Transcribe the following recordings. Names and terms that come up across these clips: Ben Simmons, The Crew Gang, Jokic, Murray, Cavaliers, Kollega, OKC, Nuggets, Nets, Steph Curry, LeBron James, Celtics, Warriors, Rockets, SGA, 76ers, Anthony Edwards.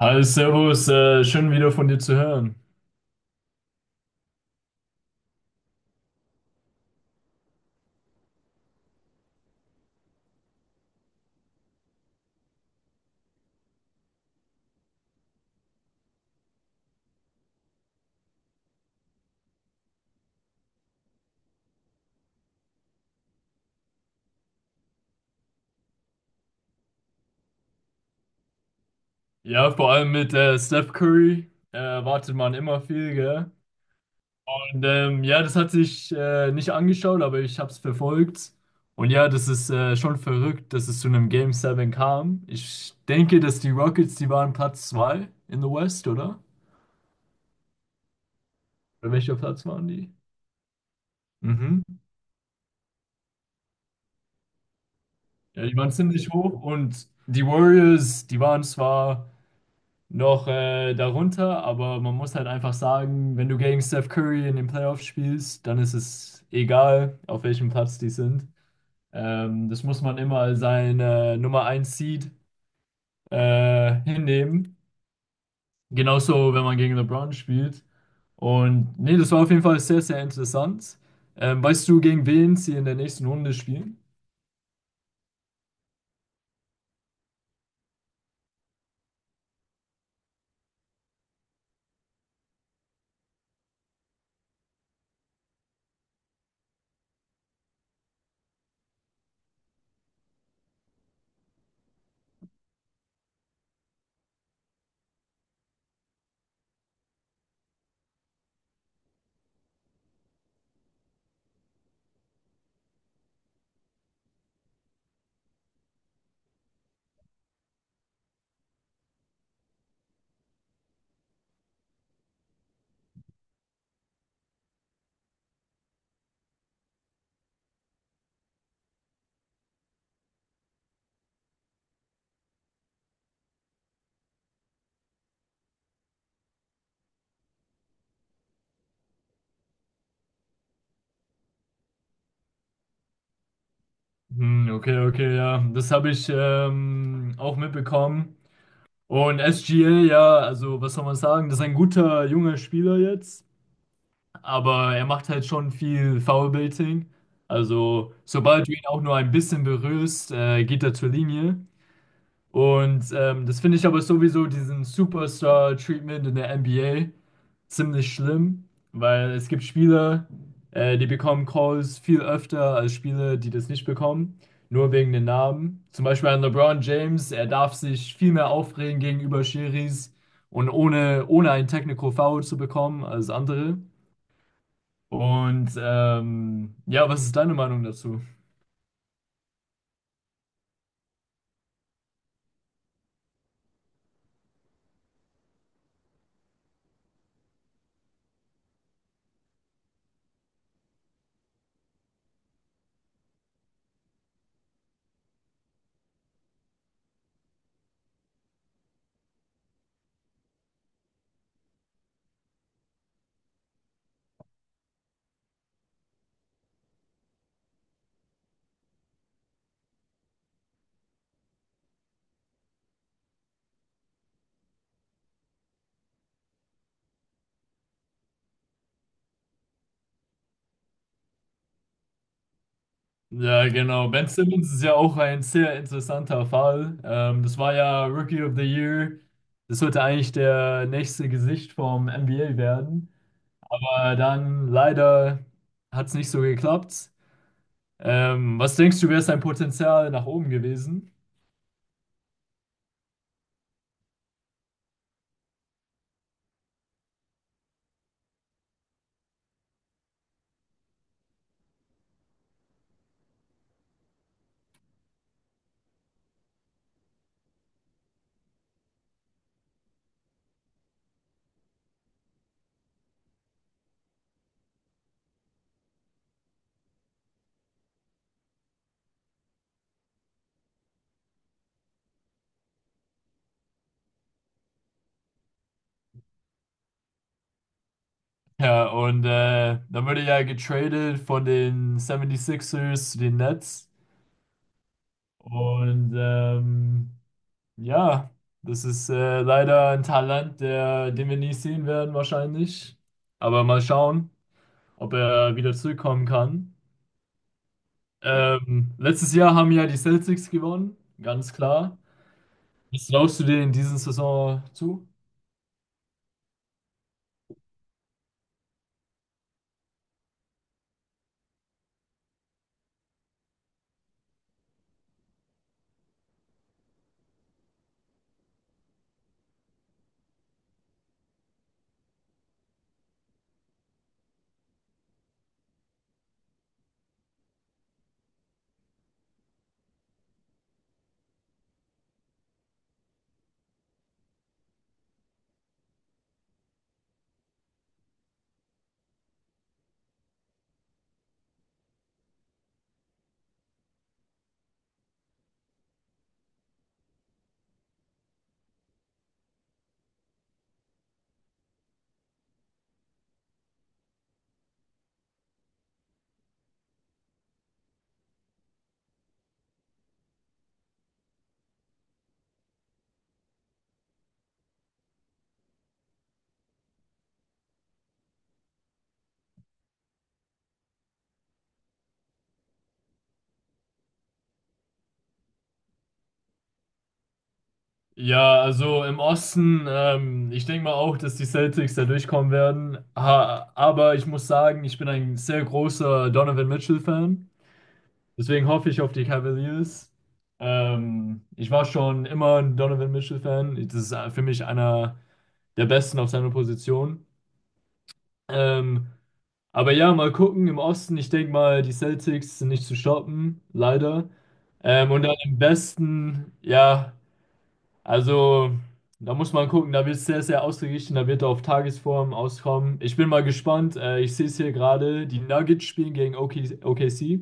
Hi, Servus, schön wieder von dir zu hören. Ja, vor allem mit Steph Curry erwartet man immer viel, gell? Und ja, das hatte ich nicht angeschaut, aber ich habe es verfolgt. Und ja, das ist schon verrückt, dass es zu einem Game 7 kam. Ich denke, dass die Rockets, die waren Platz 2 in the West, oder? Oder welcher Platz waren die? Mhm. Ja, die waren ziemlich hoch und die Warriors, die waren zwar noch darunter, aber man muss halt einfach sagen, wenn du gegen Steph Curry in den Playoffs spielst, dann ist es egal, auf welchem Platz die sind. Das muss man immer als sein Nummer eins Seed hinnehmen. Genauso, wenn man gegen LeBron spielt. Und nee, das war auf jeden Fall sehr, sehr interessant. Weißt du, gegen wen sie in der nächsten Runde spielen? Hm, okay, okay, ja. Das habe ich auch mitbekommen. Und SGA, ja, also was soll man sagen? Das ist ein guter junger Spieler jetzt, aber er macht halt schon viel Foulbaiting. Also, sobald du ihn auch nur ein bisschen berührst, geht er zur Linie. Und das finde ich aber sowieso diesen Superstar-Treatment in der NBA ziemlich schlimm, weil es gibt Spieler, die bekommen Calls viel öfter als Spieler, die das nicht bekommen, nur wegen den Namen. Zum Beispiel an LeBron James, er darf sich viel mehr aufregen gegenüber Schiris und ohne einen Technical Foul zu bekommen als andere. Und ja, was ist deine Meinung dazu? Ja, genau. Ben Simmons ist ja auch ein sehr interessanter Fall. Das war ja Rookie of the Year. Das sollte eigentlich der nächste Gesicht vom NBA werden. Dann leider hat es nicht so geklappt. Was denkst du, wäre sein Potenzial nach oben gewesen? Ja, und dann wurde er ja getradet von den 76ers zu den Nets. Und ja, das ist leider ein Talent, der, den wir nie sehen werden wahrscheinlich. Aber mal schauen, ob er wieder zurückkommen kann. Letztes Jahr haben ja die Celtics gewonnen, ganz klar. Was traust du dir in dieser Saison zu? Ja, also im Osten, ich denke mal auch, dass die Celtics da durchkommen werden. Ha aber ich muss sagen, ich bin ein sehr großer Donovan Mitchell-Fan. Deswegen hoffe ich auf die Cavaliers. Ich war schon immer ein Donovan Mitchell-Fan. Das ist für mich einer der Besten auf seiner Position. Ähm, aber ja, mal gucken. Im Osten, ich denke mal, die Celtics sind nicht zu stoppen, leider. Und dann im Westen, ja. Also, da muss man gucken, da wird es sehr, sehr ausgeglichen, da wird er auf Tagesform auskommen. Ich bin mal gespannt. Ich sehe es hier gerade, die Nuggets spielen gegen OKC.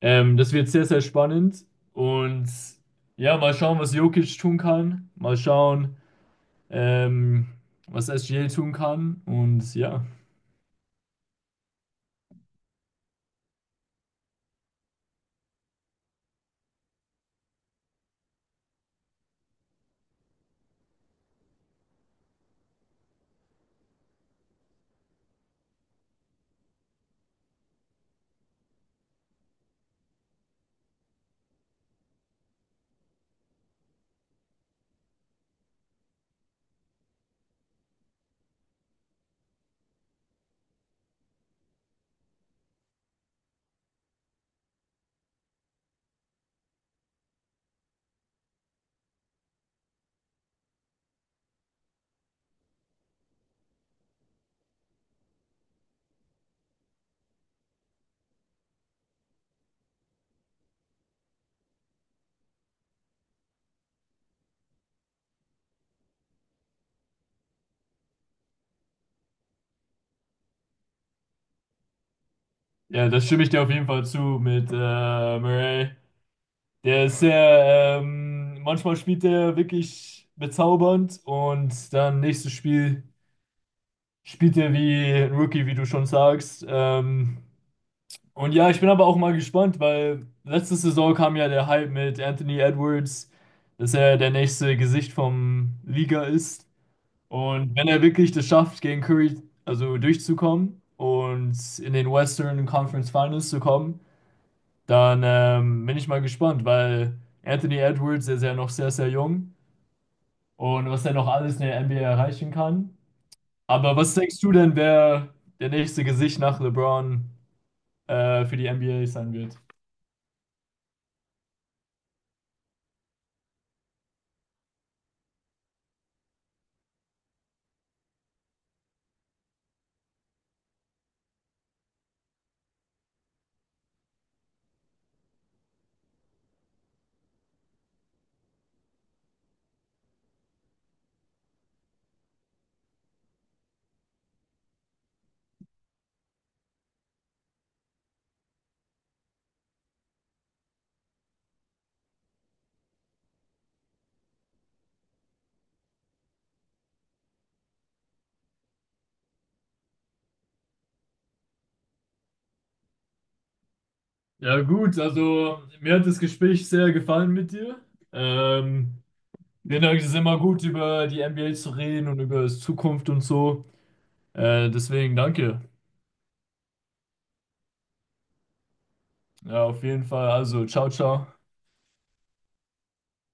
Das wird sehr, sehr spannend. Und ja, mal schauen, was Jokic tun kann. Mal schauen, ähm, was SGA tun kann. Und ja. Ja, das stimme ich dir auf jeden Fall zu mit Murray. Der ist sehr, manchmal spielt er wirklich bezaubernd und dann nächstes Spiel. Spielte wie ein Rookie, wie du schon sagst. Und ja, ich bin aber auch mal gespannt, weil letzte Saison kam ja der Hype mit Anthony Edwards, dass er der nächste Gesicht vom Liga ist. Und wenn er wirklich das schafft, gegen Curry also durchzukommen und in den Western Conference Finals zu kommen, dann bin ich mal gespannt, weil Anthony Edwards der ist ja noch sehr, sehr jung und was er noch alles in der NBA erreichen kann. Aber was denkst du denn, wer der nächste Gesicht nach LeBron für die NBA sein wird? Ja, gut, also mir hat das Gespräch sehr gefallen mit dir. Ähm, Ich finde, es ist immer gut, über die NBA zu reden und über die Zukunft und so. Deswegen danke. Ja, auf jeden Fall. Also, ciao, ciao.